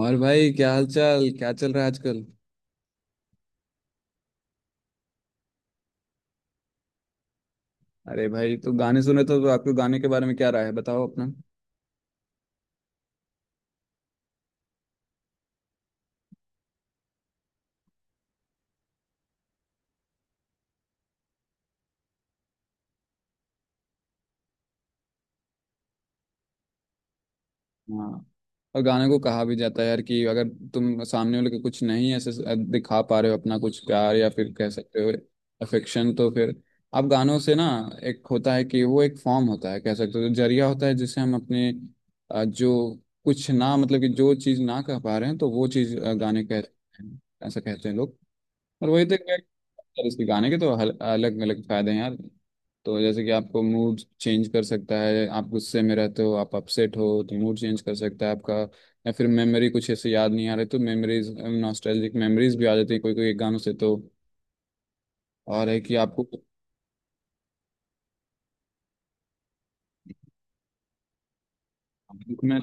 और भाई क्या हाल चाल, क्या चल रहा है आजकल? अरे भाई, तो गाने सुने तो आपके गाने के बारे में क्या राय है, बताओ अपना। हाँ, और गाने को कहा भी जाता है यार कि अगर तुम सामने वाले को कुछ नहीं ऐसे दिखा पा रहे हो अपना कुछ प्यार, या फिर कह सकते हो अफेक्शन, तो फिर आप गानों से ना एक होता है कि वो एक फॉर्म होता है, कह सकते हो जरिया होता है, जिससे हम अपने जो कुछ ना, मतलब कि जो चीज़ ना कह पा रहे हैं तो वो चीज़ गाने कह, ऐसा कहते हैं लोग। और वही तो यार इसके गाने के तो अलग अलग फायदे हैं यार। तो जैसे कि आपको मूड चेंज कर सकता है, आप गुस्से में रहते हो, आप अपसेट हो तो मूड चेंज कर सकता है आपका। या फिर मेमोरी कुछ ऐसे याद नहीं आ रहे तो मेमोरीज, नॉस्टैल्जिक मेमोरीज भी आ जाती है कोई कोई गानों से तो। और है कि आपको दुख में,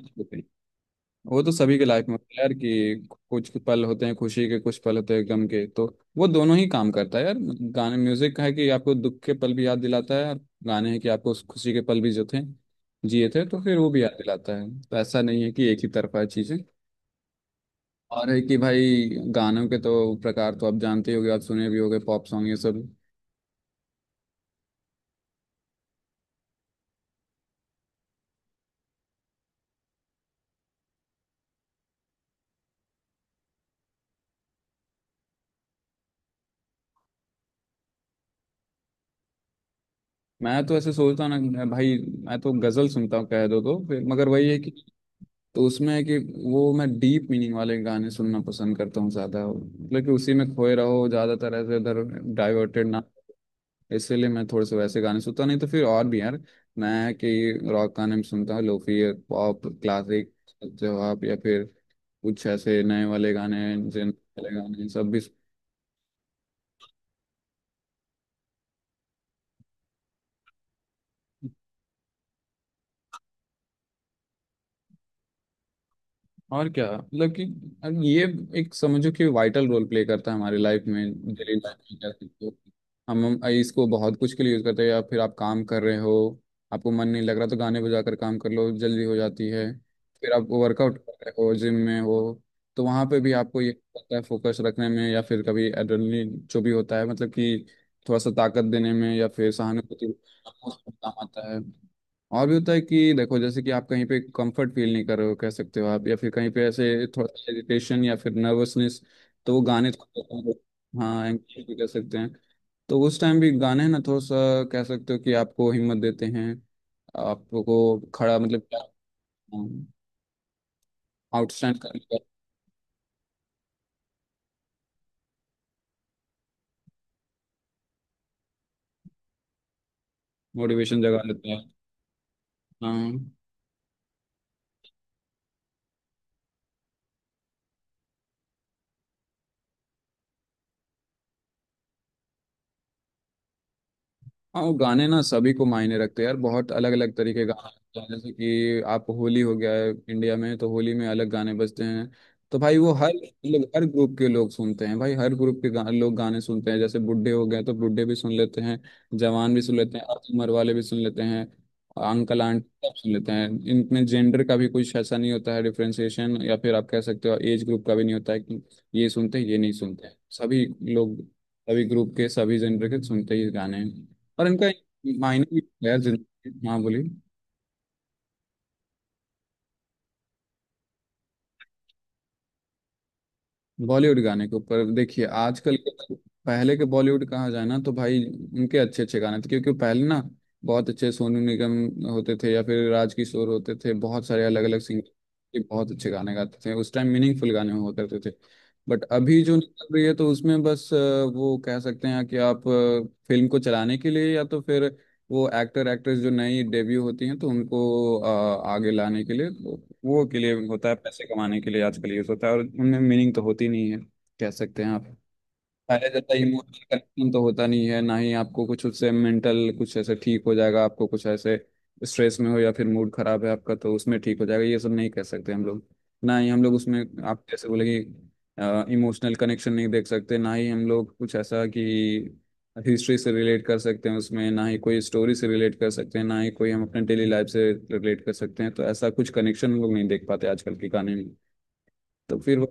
वो तो सभी के लाइफ में होता है यार कि कुछ पल होते हैं खुशी के, कुछ पल होते हैं गम के, तो वो दोनों ही काम करता है यार। गाने, म्यूजिक है कि आपको दुख के पल भी याद दिलाता है, और गाने हैं कि आपको उस खुशी के पल भी जो थे, जिए थे, तो फिर वो भी याद दिलाता है। तो ऐसा नहीं है कि एक ही तरफा है चीजें। और है कि भाई, गानों के तो प्रकार तो आप जानते ही होगे, आप सुने भी होगे, पॉप सॉन्ग ये सब। मैं तो ऐसे सोचता हूँ ना भाई, मैं तो गजल सुनता हूँ कह दो तो फिर, मगर वही है कि तो उसमें है कि वो मैं डीप मीनिंग वाले गाने सुनना पसंद करता हूँ ज़्यादा, मतलब कि उसी में खोए रहो ज़्यादातर, ऐसे इधर डाइवर्टेड ना। इसीलिए मैं थोड़े से वैसे गाने सुनता हूँ। नहीं तो फिर और भी यार, मैं है कि रॉक गाने भी सुनता हूँ, लोफी, पॉप, क्लासिक, जवाब, या फिर कुछ ऐसे नए वाले गाने, जिन वाले गाने सब भी। और क्या मतलब कि अब ये एक समझो कि वाइटल रोल प्ले करता है हमारी लाइफ में, डेली लाइफ में, क्या सकते हो। हम इसको बहुत कुछ के लिए यूज़ करते हैं। या फिर आप काम कर रहे हो, आपको मन नहीं लग रहा, तो गाने बजा कर काम कर लो, जल्दी हो जाती है। फिर आप वर्कआउट कर रहे हो, जिम में हो, तो वहाँ पे भी आपको ये होता है फोकस रखने में। या फिर कभी एड्रेनलिन जो भी होता है, मतलब कि थोड़ा सा ताकत देने में, या फिर सहानुभूति आपको उसमें काम आता है। और भी होता है कि देखो जैसे कि आप कहीं पे कंफर्ट फील नहीं कर रहे हो, कह सकते हो आप, या फिर कहीं पे ऐसे थोड़ा सा इरिटेशन या फिर नर्वसनेस, तो वो गाने हाँ, एंग्जाइटी भी कह सकते हैं। तो उस टाइम भी गाने ना थोड़ा सा, कह सकते हो कि आपको हिम्मत देते हैं, आपको खड़ा मतलब आउटस्टैंड करने का मोटिवेशन जगा देते हैं। हाँ हाँ, वो गाने ना सभी को मायने रखते हैं यार, बहुत अलग अलग तरीके के गाने होते हैं। जैसे कि आप, होली हो गया है इंडिया में, तो होली में अलग गाने बजते हैं। तो भाई वो हर लोग, हर ग्रुप के लोग सुनते हैं भाई, हर ग्रुप के लोग गाने सुनते हैं। जैसे बुढ़े हो गए तो बुढ़े भी सुन लेते हैं, जवान भी सुन लेते हैं, अर्ध उम्र वाले भी सुन लेते हैं, अंकल आंटी सब सुन लेते हैं। इनमें जेंडर का भी कुछ ऐसा नहीं होता है डिफ्रेंसिएशन, या फिर आप कह सकते हो एज ग्रुप का भी नहीं होता है कि ये सुनते हैं ये नहीं सुनते हैं। सभी लोग, सभी ग्रुप के, सभी जेंडर के सुनते ही गाने हैं। और इनका एक मायने भी है यार जिंदगी में। हाँ बोलिए। बॉलीवुड गाने के ऊपर देखिए, आजकल के, पहले के बॉलीवुड कहा जाए ना तो भाई उनके अच्छे अच्छे गाने थे क्योंकि पहले ना बहुत अच्छे सोनू निगम होते थे, या फिर राजकिशोर होते थे, बहुत सारे अलग अलग सिंगर के बहुत अच्छे गाने गाते थे, उस टाइम मीनिंगफुल गाने हुआ करते थे। बट अभी जो निकल रही है तो उसमें बस वो कह सकते हैं कि आप फिल्म को चलाने के लिए, या तो फिर वो एक्टर एक्ट्रेस जो नई डेब्यू होती हैं तो उनको आगे लाने के लिए, वो के लिए होता है, पैसे कमाने के लिए आजकल यूज होता है, और उनमें मीनिंग तो होती नहीं है, कह सकते हैं आप। पहले जैसा इमोशनल कनेक्शन तो होता नहीं है, ना ही आपको कुछ उससे मेंटल कुछ ऐसे ठीक हो जाएगा, आपको कुछ ऐसे स्ट्रेस में हो या फिर मूड खराब है आपका तो उसमें ठीक हो जाएगा, ये सब नहीं कह सकते हम लोग। ना ही हम लोग उसमें, आप जैसे बोले कि इमोशनल कनेक्शन नहीं देख सकते, ना ही हम लोग कुछ ऐसा कि हिस्ट्री से रिलेट कर सकते हैं उसमें, ना ही कोई स्टोरी से रिलेट कर सकते हैं, ना ही कोई हम अपने डेली लाइफ से रिलेट कर सकते हैं, तो ऐसा कुछ कनेक्शन हम लोग नहीं देख पाते आजकल के गाने में। तो फिर वो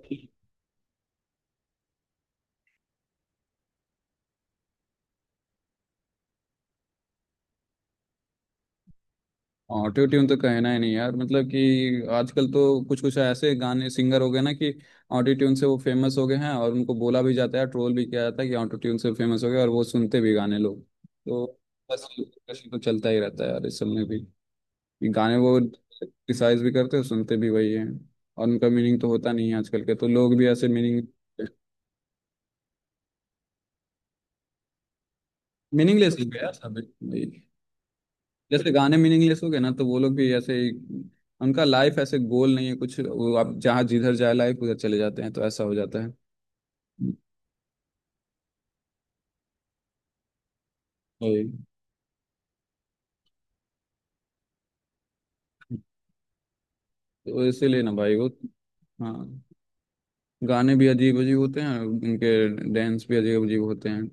ऑटो ट्यून तो कहना ही नहीं यार, मतलब कि आजकल तो कुछ कुछ ऐसे गाने सिंगर हो गए ना कि ऑटो ट्यून से वो फेमस हो गए हैं, और उनको बोला भी जाता है, ट्रोल भी किया जाता है कि ऑटो ट्यून से फेमस हो गए, और वो सुनते भी गाने लोग, तो बस कशी तो चलता ही रहता है यार इस सब में भी कि गाने, वो क्रिटिसाइज भी करते हैं, सुनते भी वही हैं। और उनका मीनिंग तो होता नहीं है, आजकल के तो लोग भी ऐसे मीनिंग मीनिंगलेस हो गया सब। वही, जैसे गाने मीनिंगलेस हो गए ना तो वो लोग भी ऐसे ही, उनका लाइफ ऐसे गोल नहीं है कुछ, वो आप जहाँ जिधर जाए लाइफ उधर चले जाते हैं, तो ऐसा हो जाता है। वही, तो इसीलिए ना भाई वो, हाँ, गाने भी अजीब अजीब होते हैं उनके, डांस भी अजीब अजीब होते हैं,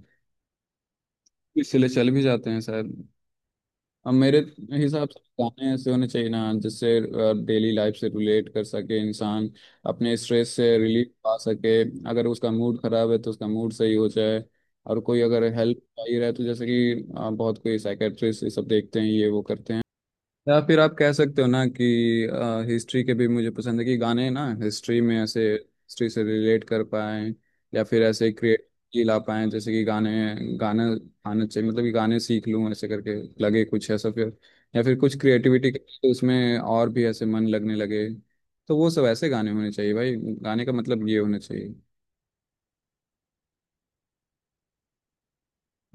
इसीलिए चल भी जाते हैं शायद। अब मेरे हिसाब से गाने ऐसे होने चाहिए ना जिससे डेली लाइफ से रिलेट कर सके इंसान, अपने स्ट्रेस से रिलीफ पा सके, अगर उसका मूड खराब है तो उसका मूड सही हो जाए, और कोई अगर हेल्प चाहिए रहा है तो जैसे कि बहुत कोई साइकेट्रिस्ट ये सब देखते हैं, ये वो करते हैं। या फिर आप कह सकते हो ना कि हिस्ट्री के भी मुझे पसंद है कि गाने ना हिस्ट्री में ऐसे हिस्ट्री से रिलेट कर पाए, या फिर ऐसे क्रिएटिविटी ला पाए, जैसे कि गाने, गाना आना चाहिए, मतलब कि गाने सीख लूँ ऐसे करके लगे कुछ ऐसा फिर, या फिर कुछ क्रिएटिविटी तो उसमें और भी ऐसे मन लगने लगे। तो वो सब ऐसे गाने होने चाहिए भाई, गाने का मतलब ये होना चाहिए।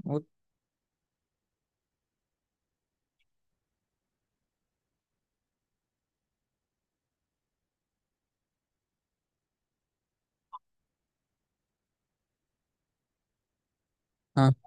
और हाँ,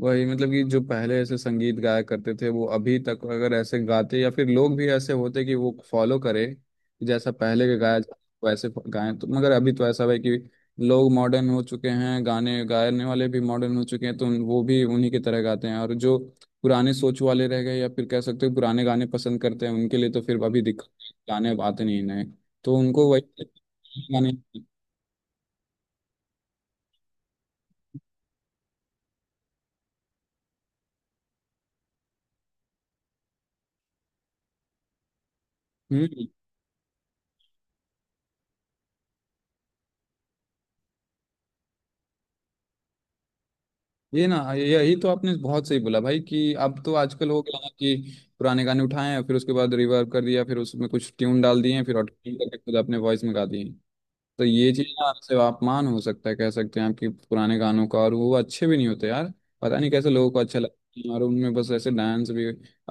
वही मतलब कि जो पहले ऐसे संगीत गाया करते थे वो अभी तक अगर ऐसे गाते, या फिर लोग भी ऐसे होते कि वो फॉलो करे कि जैसा पहले के गाया जाता, वैसे गाएं, तो मगर अभी तो ऐसा है कि लोग मॉडर्न हो चुके हैं, गाने गाने वाले भी मॉडर्न हो चुके हैं, तो वो भी उन्हीं की तरह गाते हैं। और जो पुराने सोच वाले रह गए, या फिर कह सकते हो पुराने गाने पसंद करते हैं, उनके लिए तो फिर अभी दिक्कत, गाने अब आते नहीं नए, तो उनको वही गाने। हम्म। यही तो आपने बहुत सही बोला भाई कि अब तो आजकल हो गया ना कि पुराने गाने उठाए हैं, फिर उसके बाद रिवर्ब कर दिया, फिर उसमें कुछ ट्यून डाल दिए हैं, फिर ऑटोट्यून करके खुद अपने वॉइस में गा दिए हैं। तो ये चीज ना आपसे अपमान हो सकता है, कह सकते हैं, आपकी पुराने गानों का। और वो अच्छे भी नहीं होते यार, पता नहीं कैसे लोगों को अच्छा लगता है। और उनमें बस ऐसे डांस भी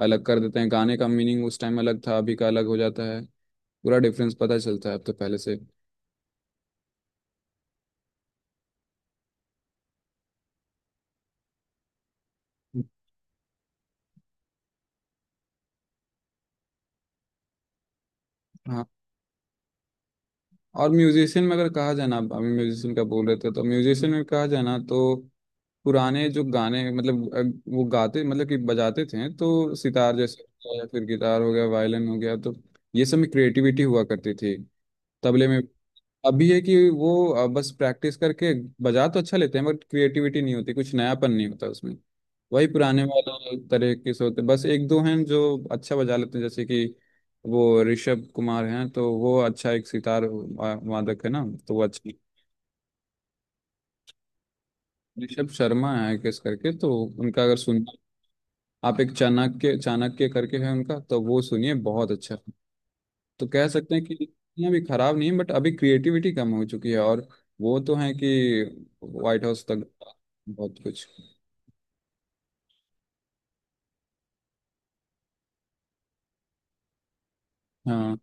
अलग कर देते हैं, गाने का मीनिंग उस टाइम अलग था, अभी का अलग हो जाता है। पूरा डिफरेंस पता चलता है अब तो पहले से। हाँ, और म्यूजिशियन में अगर कहा जाए ना, अभी म्यूजिशियन का बोल रहे थे तो म्यूजिशियन में कहा जाए ना तो पुराने जो गाने, मतलब वो गाते, मतलब कि बजाते थे, तो सितार जैसे हो गया, या फिर गिटार हो गया, वायलिन हो गया, तो ये सब में क्रिएटिविटी हुआ करती थी, तबले में। अभी है कि वो बस प्रैक्टिस करके बजा तो अच्छा लेते हैं, बट क्रिएटिविटी नहीं होती, कुछ नयापन नहीं होता उसमें, वही पुराने वाले तरह के से होते। बस एक दो हैं जो अच्छा बजा लेते हैं, जैसे कि वो ऋषभ कुमार हैं तो वो अच्छा, एक सितार वादक है ना तो वो अच्छा, ऋषभ शर्मा है किस करके, तो उनका अगर सुन आप, एक चाणक्य चाणक्य करके है उनका, तो वो सुनिए बहुत अच्छा है। तो कह सकते हैं कि इतना भी खराब नहीं है, बट अभी क्रिएटिविटी कम हो चुकी है, और वो तो है कि व्हाइट हाउस तक बहुत कुछ। हाँ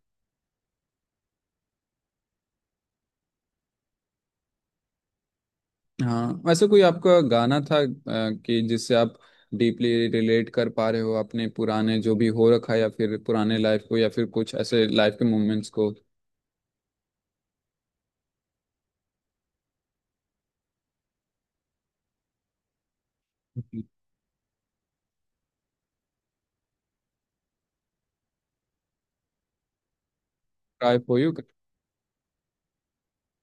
हाँ, वैसे कोई आपका गाना था कि जिससे आप डीपली रिलेट कर पा रहे हो अपने पुराने जो भी हो रखा है, या फिर पुराने लाइफ को, या फिर कुछ ऐसे लाइफ के मोमेंट्स को? Cry for you,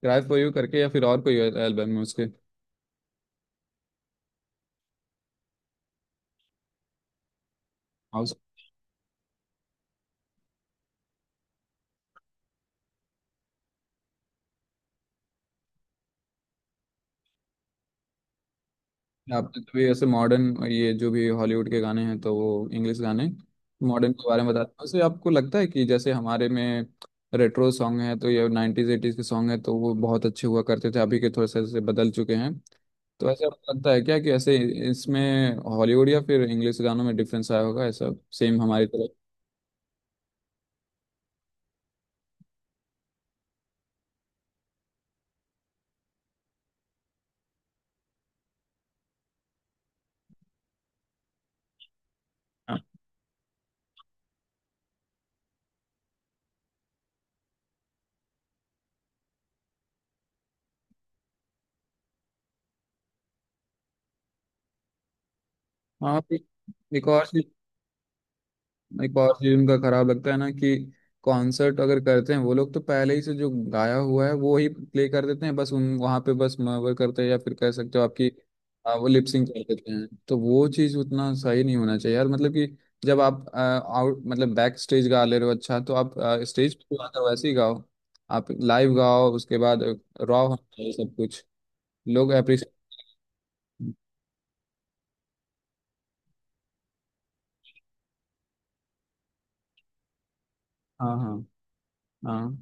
cry for you करके, या फिर और कोई एल्बम है उसके? आपने तो भी ऐसे मॉडर्न, ये जो भी हॉलीवुड के गाने हैं तो वो इंग्लिश गाने, मॉडर्न के बारे में बताते हैं। वैसे आपको लगता है कि जैसे हमारे में रेट्रो सॉन्ग है तो ये नाइन्टीज एटीज के सॉन्ग है तो वो बहुत अच्छे हुआ करते थे, अभी के थोड़े से ऐसे बदल चुके हैं, तो ऐसे आपको लगता है क्या कि ऐसे इसमें हॉलीवुड या फिर इंग्लिश गानों में डिफरेंस आया होगा ऐसा, सेम हमारी तरह? हाँ हाँ, फिर एक और चीज, एक और चीज उनका खराब लगता है ना कि कॉन्सर्ट अगर करते हैं वो लोग, तो पहले ही से जो गाया हुआ है वो ही प्ले कर देते हैं, बस उन वहाँ पे बस मवर करते हैं, या फिर कह सकते हो आपकी वो लिपसिंग कर देते हैं। तो वो चीज़ उतना सही नहीं होना चाहिए यार, मतलब कि जब आप आउट, मतलब बैक स्टेज गा ले रहे हो अच्छा, तो आप स्टेज पे जो आता है वैसे ही गाओ, आप लाइव गाओ उसके बाद, रॉ होना चाहिए सब कुछ, लोग अप्रिशिएट। हाँ हाँ हाँ,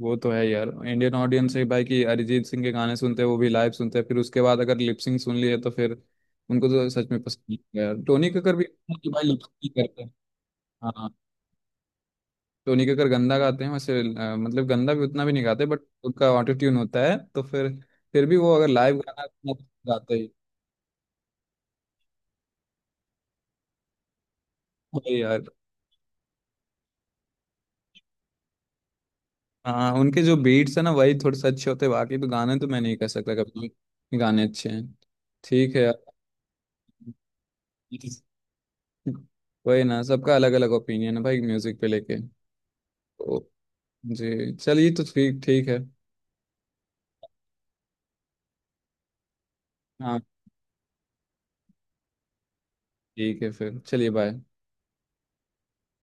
वो तो है यार इंडियन ऑडियंस है भाई कि अरिजीत सिंह के गाने सुनते हैं वो भी लाइव सुनते हैं, फिर उसके बाद अगर लिपसिंग सुन लिए तो फिर उनको तो सच में पसंद नहीं है यार। टोनी कक्कर भी कि भाई लिपसिंग करते हैं। हाँ, टोनी कक्कर गंदा गाते हैं वैसे, मतलब गंदा भी उतना भी नहीं गाते, बट उनका ऑटो ट्यून होता है, तो फिर भी वो अगर लाइव गाना गाते ही, वही यार। हाँ, उनके जो बीट्स है ना वही थोड़े से अच्छे होते हैं, बाकी तो गाने तो मैं नहीं कह सकता कभी भी गाने अच्छे हैं, ठीक है यार। वही ना, सबका अलग अलग ओपिनियन है भाई म्यूजिक पे लेके। ओ, जी चलिए, तो ठीक ठीक है। हाँ, ठीक है फिर, चलिए बाय।